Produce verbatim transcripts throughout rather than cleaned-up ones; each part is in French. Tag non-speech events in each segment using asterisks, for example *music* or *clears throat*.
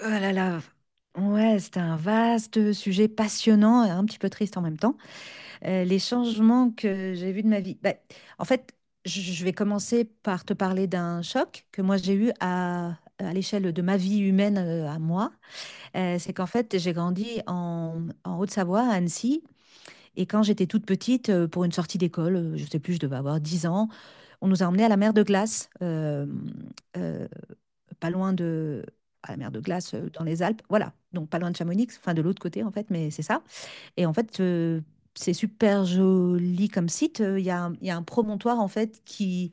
Oh là là, ouais, c'était un vaste sujet passionnant et un petit peu triste en même temps. Euh, les changements que j'ai vus de ma vie. Bah, en fait, je je vais commencer par te parler d'un choc que moi j'ai eu à, à l'échelle de ma vie humaine euh, à moi. Euh, c'est qu'en fait, j'ai grandi en, en Haute-Savoie, à Annecy, et quand j'étais toute petite, euh, pour une sortie d'école, euh, je sais plus, je devais avoir dix ans, on nous a emmenés à la mer de glace. Euh, euh, pas loin de À la mer de glace euh, dans les Alpes. Voilà, donc pas loin de Chamonix, enfin de l'autre côté en fait, mais c'est ça. Et en fait, euh, c'est super joli comme site. Euh, Il y a, un- il y a un promontoire en fait qui,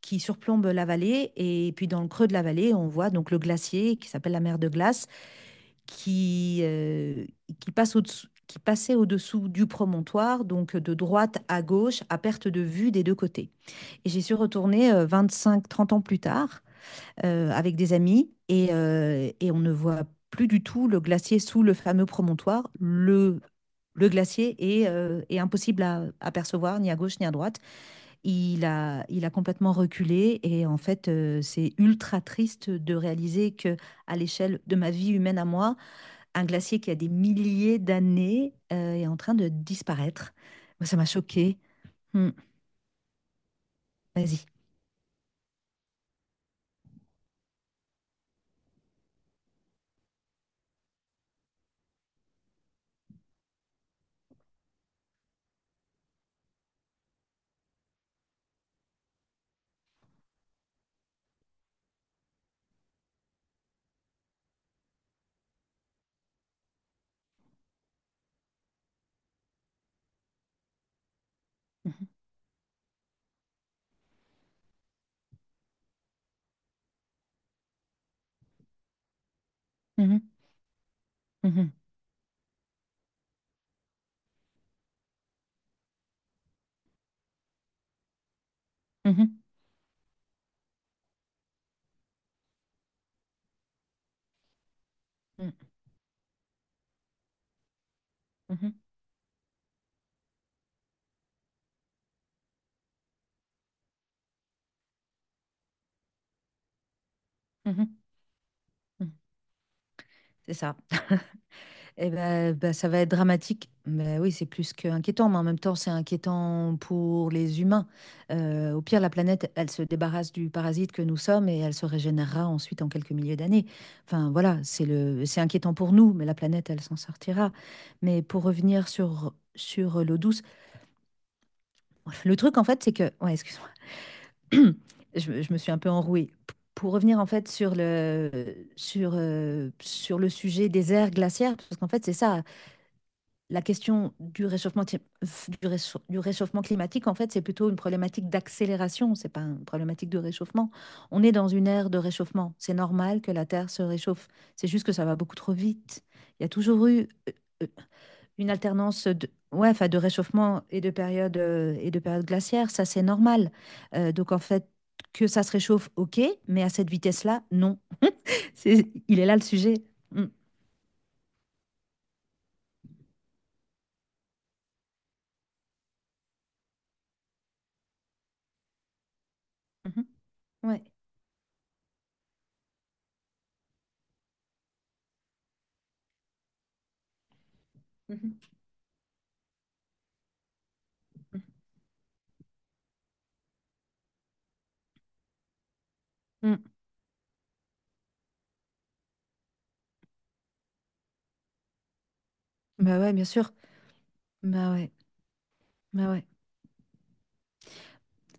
qui surplombe la vallée et puis dans le creux de la vallée, on voit donc le glacier qui s'appelle la mer de glace qui, euh, qui passe au-dessous qui passait au-dessous du promontoire, donc de droite à gauche, à perte de vue des deux côtés. Et j'y suis retournée vingt-cinq à trente ans plus tard, euh, avec des amis et, euh, et on ne voit plus du tout le glacier sous le fameux promontoire. Le, le glacier est, euh, est impossible à, à percevoir, ni à gauche ni à droite. Il a, il a complètement reculé et en fait, euh, c'est ultra triste de réaliser que à l'échelle de ma vie humaine à moi, un glacier qui a des milliers d'années euh, est en train de disparaître. Moi, ça m'a choquée. Hmm, vas-y. Mhm, mhm, mhm, mhm, mhm, mhm, mhm, mhm. C'est ça. *laughs* Eh ben, ben, ça va être dramatique. Mais oui, c'est plus qu'inquiétant, mais en même temps, c'est inquiétant pour les humains. Euh, au pire, la planète, elle se débarrasse du parasite que nous sommes et elle se régénérera ensuite en quelques milliers d'années. Enfin, voilà, c'est le, c'est inquiétant pour nous, mais la planète, elle s'en sortira. Mais pour revenir sur, sur l'eau douce, le truc, en fait, c'est que... Ouais, excuse-moi. *clears throat* Je, je me suis un peu enrouée. P- Pour revenir, en fait, sur le, sur, euh, sur le sujet des aires glaciaires, parce qu'en fait, c'est ça la question du réchauffement, ti- du réchau- du réchauffement climatique, en fait, c'est plutôt une problématique d'accélération, c'est pas une problématique de réchauffement. On est dans une ère de réchauffement. C'est normal que la Terre se réchauffe. C'est juste que ça va beaucoup trop vite. Il y a toujours eu euh, euh, une alternance de, ouais, enfin, de réchauffement et de période, euh, et de période glaciaire. Ça, c'est normal. Euh, donc, en fait, que ça se réchauffe, ok, mais à cette vitesse-là, non. C'est, il est là le sujet. Mm. Mhm. Ouais. Mhm. Mm. Bah ouais, bien sûr. Bah ouais. Ouais, ouais.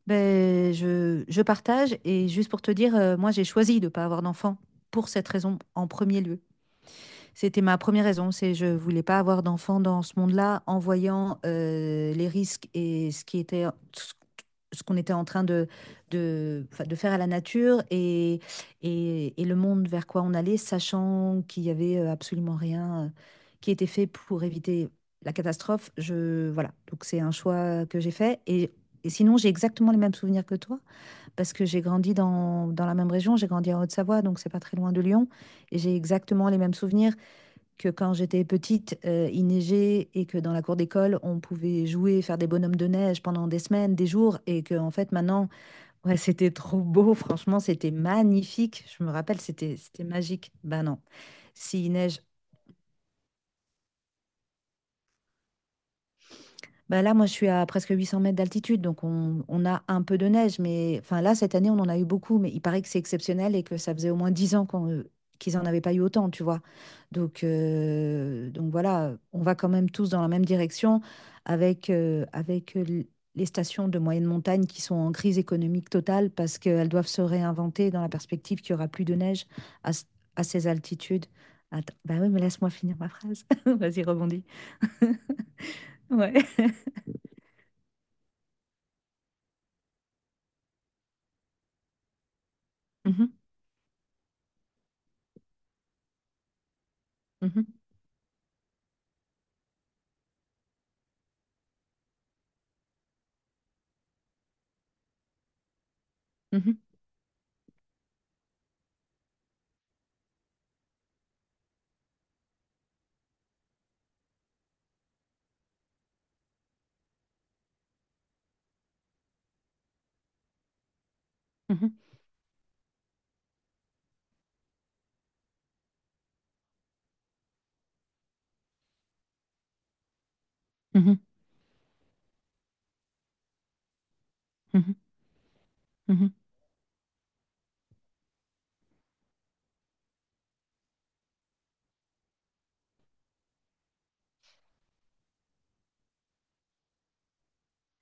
Ben, je, je partage et juste pour te dire, euh, moi j'ai choisi de ne pas avoir d'enfant pour cette raison en premier lieu. C'était ma première raison, c'est je voulais pas avoir d'enfant dans ce monde-là en voyant euh, les risques et ce qui était ce ce qu'on était en train de, de, enfin, de faire à la nature et, et, et le monde vers quoi on allait, sachant qu'il y avait euh, absolument rien euh, qui était fait pour éviter la catastrophe. Je, voilà, donc c'est un choix que j'ai fait. Et, et sinon, j'ai exactement les mêmes souvenirs que toi, parce que j'ai grandi dans, dans la même région, j'ai grandi en Haute-Savoie, donc c'est pas très loin de Lyon, et j'ai exactement les mêmes souvenirs que quand j'étais petite, euh, il neigeait et que dans la cour d'école, on pouvait jouer, faire des bonhommes de neige pendant des semaines, des jours, et que en fait maintenant, ouais, *laughs* c'était trop beau, franchement, c'était magnifique. Je me rappelle, c'était c'était magique. Ben non, s'il neige bah là, moi, je suis à presque huit cents mètres d'altitude, donc on, on a un peu de neige. Mais enfin, là, cette année, on en a eu beaucoup, mais il paraît que c'est exceptionnel et que ça faisait au moins dix ans qu'on, euh, qu'ils en avaient pas eu autant, tu vois. Donc, euh, donc voilà, on va quand même tous dans la même direction avec, euh, avec euh, l- les stations de moyenne montagne qui sont en crise économique totale parce qu'elles doivent se réinventer dans la perspective qu'il y aura plus de neige à, s- à ces altitudes. Attends, bah oui, mais laisse-moi finir ma phrase. *laughs* Vas-y, rebondis. *laughs* Ouais. Mhm, mhm. Mhm, mhm, mhm, mhm, mhm,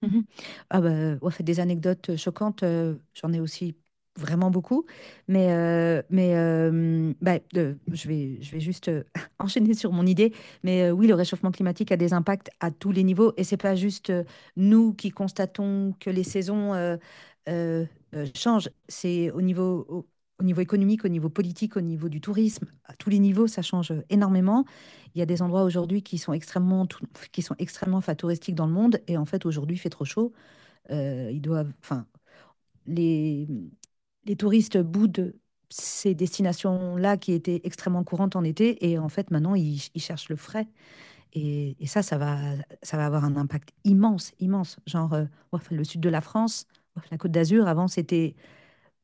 mhm. Ah bah, ouais, des anecdotes euh, choquantes, euh, j'en ai aussi vraiment beaucoup, mais, euh, mais euh, bah, de- je vais, je vais juste euh, *laughs* enchaîner sur mon idée. Mais euh, oui, le réchauffement climatique a des impacts à tous les niveaux, et c'est pas juste euh, nous qui constatons que les saisons euh, euh, euh, changent, c'est au niveau, au au niveau économique, au niveau politique, au niveau du tourisme, à tous les niveaux, ça change euh, énormément. Il y a des endroits aujourd'hui qui sont extrêmement, tou- qui sont extrêmement enfin, touristiques dans le monde. Et en fait, aujourd'hui, il fait trop chaud. Euh, ils doivent, enfin, les, les touristes boudent ces destinations-là qui étaient extrêmement courantes en été. Et en fait, maintenant, ils, ils cherchent le frais. Et, et ça, ça va, ça va avoir un impact immense, immense. Genre, euh, ouaf, le sud de la France, ouaf, la Côte d'Azur, avant, c'était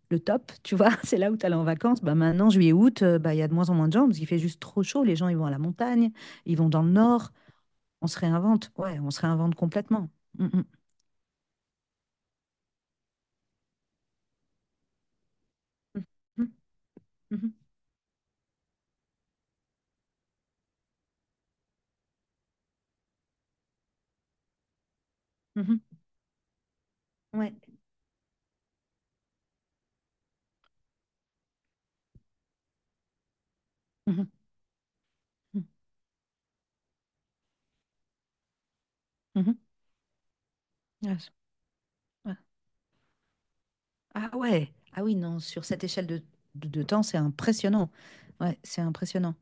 le top. Tu vois, *laughs* c'est là où tu allais en vacances. Bah, maintenant, juillet, août, euh, bah, il y a de moins en moins de gens parce qu'il fait juste trop chaud. Les gens, ils vont à la montagne, ils vont dans le nord. On se réinvente, ouais, on se réinvente complètement. Mm, mm, mm, mhm, mhm, ouais, mhm, mhm, mhm. Ouais, c'est- ouais. Ah ouais, ah oui, non, sur cette échelle de, de- de temps, c'est impressionnant. Ouais, c'est impressionnant.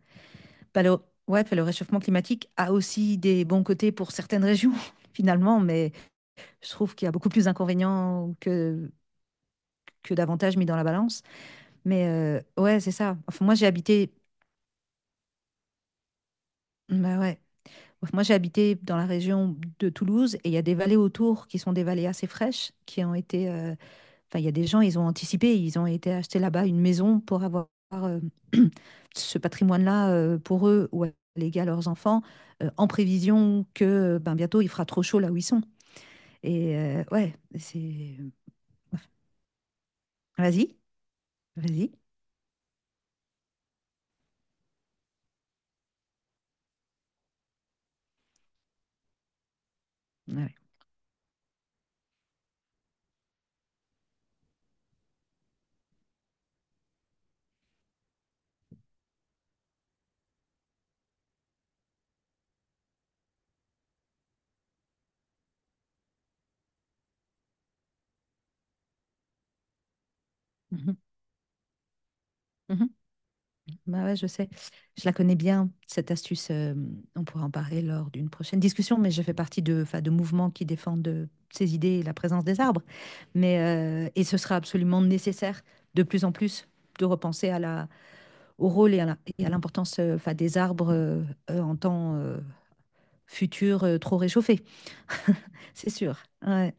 Bah, le, ouais, puis le réchauffement climatique a aussi des bons côtés pour certaines régions, *laughs* finalement, mais je trouve qu'il y a beaucoup plus d'inconvénients que, que d'avantages mis dans la balance. Mais euh, ouais, c'est ça. Enfin, moi, j'ai habité. Bah ouais. Moi, j'ai habité dans la région de Toulouse et il y a des vallées autour qui sont des vallées assez fraîches qui ont été. Euh, Enfin, il y a des gens, ils ont anticipé, ils ont été acheter là-bas une maison pour avoir euh, *clears throat* ce patrimoine-là euh, pour eux ou à léguer à leurs enfants euh, en prévision que euh, ben, bientôt il fera trop chaud là où ils sont. Et euh, ouais, c'est. Vas-y, vas-y. Ouais, ouais. Mhm. Mhm. Bah ouais, je sais. Je la connais bien, cette astuce. Euh, on pourra en parler lors d'une prochaine discussion, mais je fais partie de, enfin, de mouvements qui défendent euh, ces idées et la présence des arbres. Mais, euh, et ce sera absolument nécessaire de plus en plus de repenser à la, au rôle et à la- et à l'importance euh, enfin, des arbres euh, euh, en temps euh, futur euh, trop réchauffé. *laughs* C'est sûr. Ouais,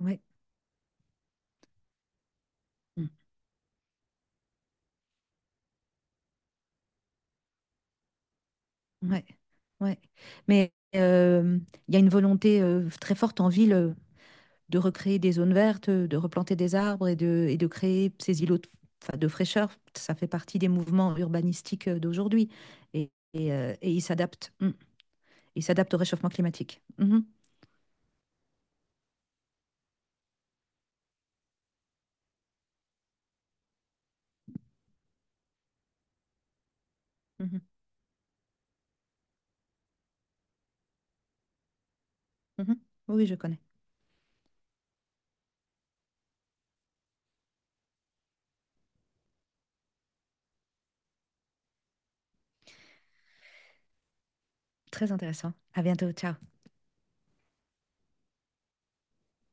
ouais, mm, ouais, ouais. Mais euh, il y a une volonté euh, très forte en ville. euh, de recréer des zones vertes, de replanter des arbres et de, et de créer ces îlots de, enfin, de fraîcheur. Ça fait partie des mouvements urbanistiques d'aujourd'hui. Et, et, euh, et ils s'adaptent. Mm. Ils s'adaptent au réchauffement climatique. Mhm. Mhm. Mhm. Oui, oui, je connais. Très intéressant. À bientôt. Ciao.